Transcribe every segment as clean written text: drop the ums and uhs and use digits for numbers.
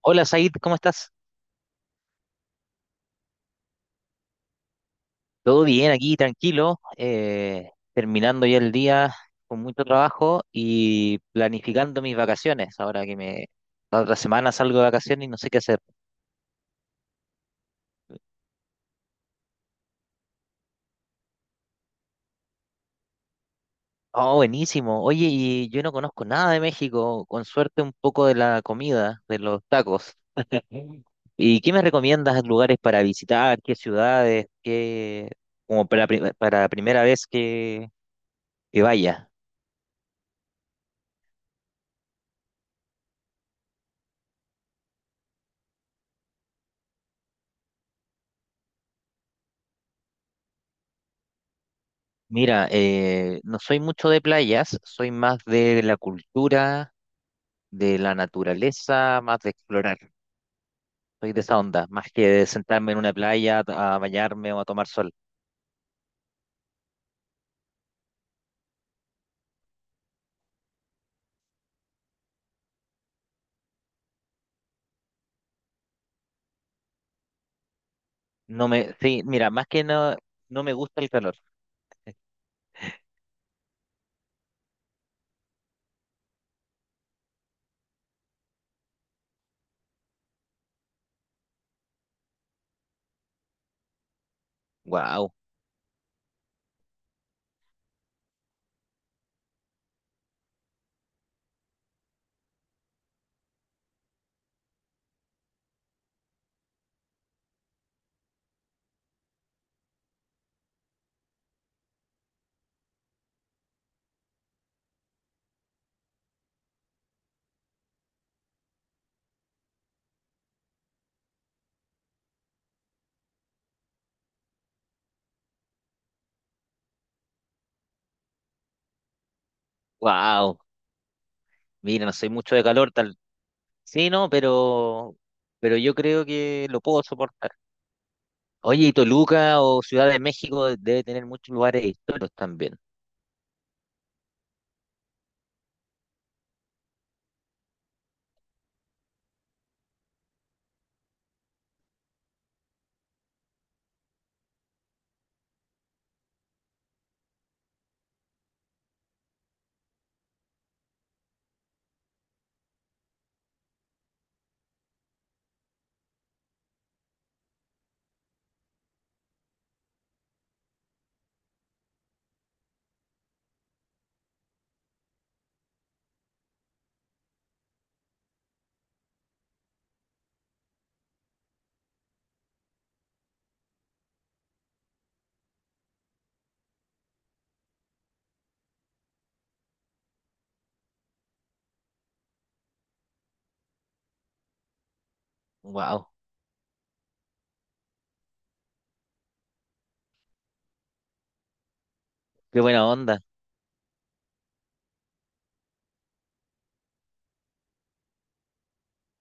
Hola, Said, ¿cómo estás? Todo bien aquí, tranquilo, terminando ya el día con mucho trabajo y planificando mis vacaciones. Ahora que me la otra semana salgo de vacaciones y no sé qué hacer. Oh, buenísimo. Oye, y yo no conozco nada de México, con suerte un poco de la comida, de los tacos. ¿Y qué me recomiendas lugares para visitar? ¿Qué ciudades? ¿Qué como para primera vez que vaya? Mira, no soy mucho de playas, soy más de la cultura, de la naturaleza, más de explorar. Soy de esa onda, más que de sentarme en una playa a bañarme o a tomar sol. No me, sí, mira, más que no, no me gusta el calor. Wow, wow. Mira, no soy mucho de calor, tal. Sí, no, pero yo creo que lo puedo soportar. Oye, y Toluca o Ciudad de México debe tener muchos lugares históricos también. Wow, qué buena onda.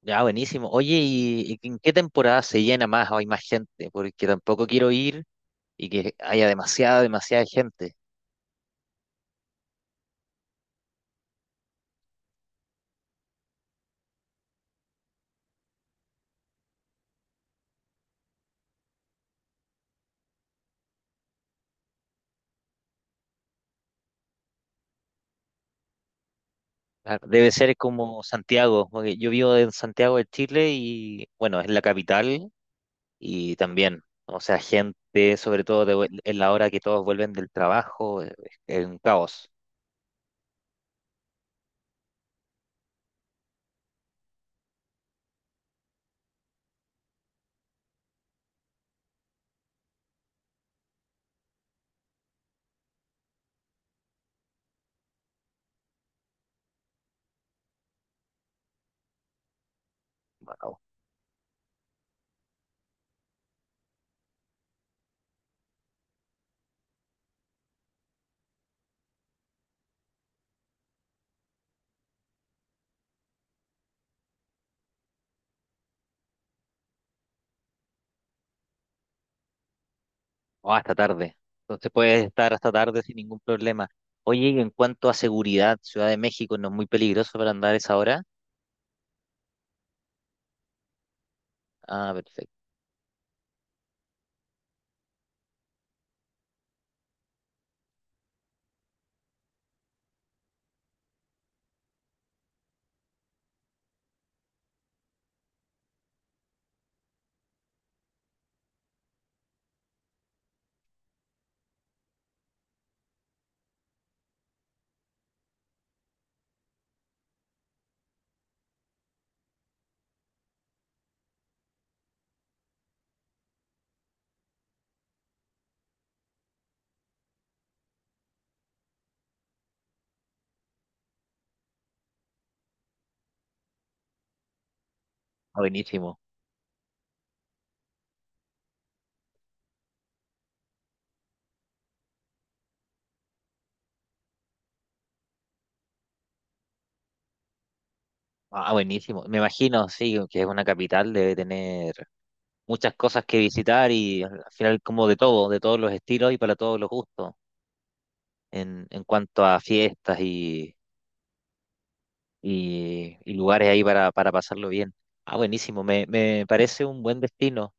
Ya, buenísimo. Oye, ¿y en qué temporada se llena más o hay más gente? Porque tampoco quiero ir y que haya demasiada gente. Ah, debe ser como Santiago, porque yo vivo en Santiago de Chile y, bueno, es la capital y también, o sea, gente, sobre todo en la hora que todos vuelven del trabajo, es un caos. Bueno, o hasta tarde. Entonces puedes estar hasta tarde sin ningún problema. Oye, y en cuanto a seguridad, Ciudad de México no es muy peligroso para andar a esa hora. Ah, perfecto. Ah, buenísimo. Ah, buenísimo. Me imagino, sí, que es una capital, debe tener muchas cosas que visitar y al final como de todo, de todos los estilos y para todos los gustos, en cuanto a fiestas y lugares ahí para pasarlo bien. Ah, buenísimo. Me parece un buen destino.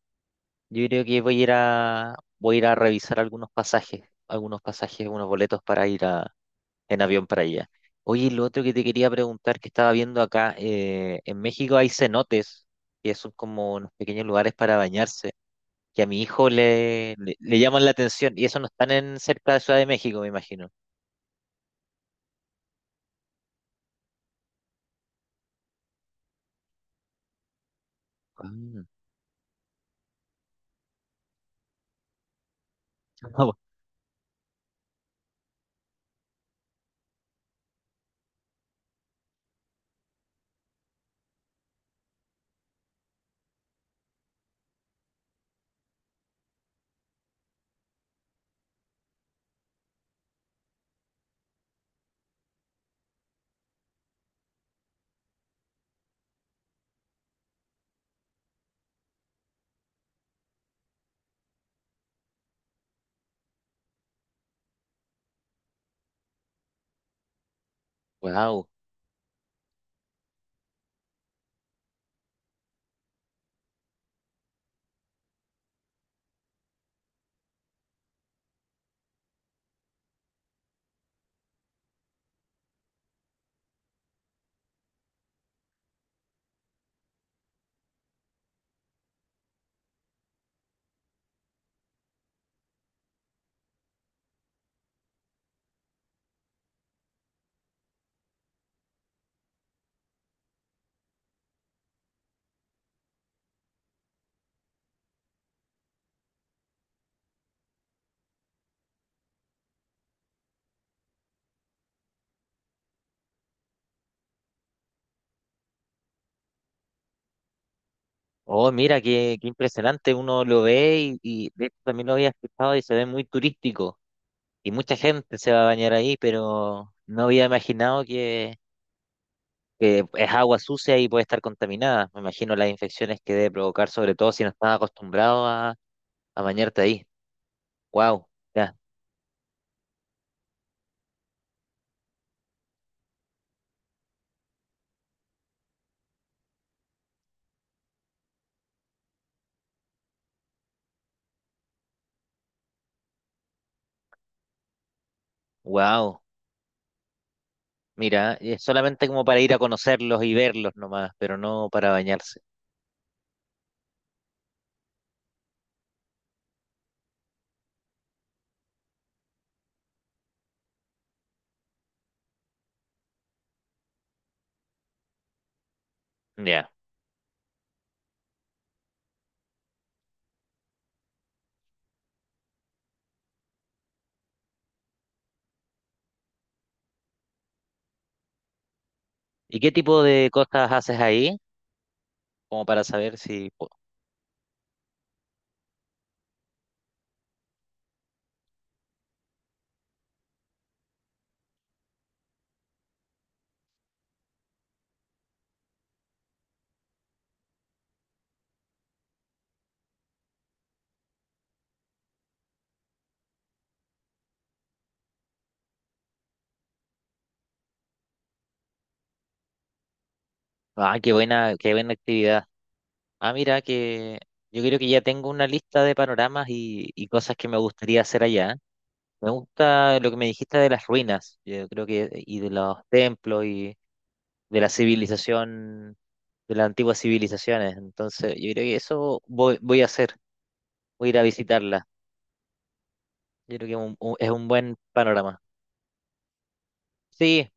Yo creo que voy a ir a revisar algunos pasajes, unos boletos para ir en avión para allá. Oye, lo otro que te quería preguntar, que estaba viendo acá, en México hay cenotes, que son como unos pequeños lugares para bañarse, que a mi hijo le llaman la atención, y eso no están en cerca de Ciudad de México, me imagino. Wow. Oh, mira, qué impresionante. Uno lo ve y de hecho también lo había escuchado y se ve muy turístico. Y mucha gente se va a bañar ahí, pero no había imaginado que es agua sucia y puede estar contaminada. Me imagino las infecciones que debe provocar, sobre todo si no estás acostumbrado a bañarte ahí. Wow, ya, wow. Mira, es solamente como para ir a conocerlos y verlos nomás, pero no para bañarse. Ya. ¿Y qué tipo de cosas haces ahí? Como para saber si... po- Ah, qué buena actividad. Ah, mira, que yo creo que ya tengo una lista de panoramas y cosas que me gustaría hacer allá. Me gusta lo que me dijiste de las ruinas, yo creo que, y de los templos y, de la civilización, de las antiguas civilizaciones. Entonces, yo creo que eso voy a hacer, voy a ir a visitarla. Yo creo que es un buen panorama. Sí,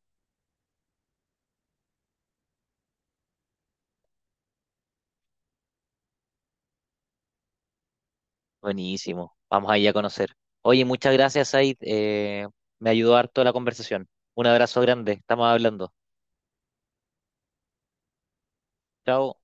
buenísimo. Vamos ahí a conocer. Oye, muchas gracias, Said. Me ayudó harto la conversación. Un abrazo grande. Estamos hablando. Chao.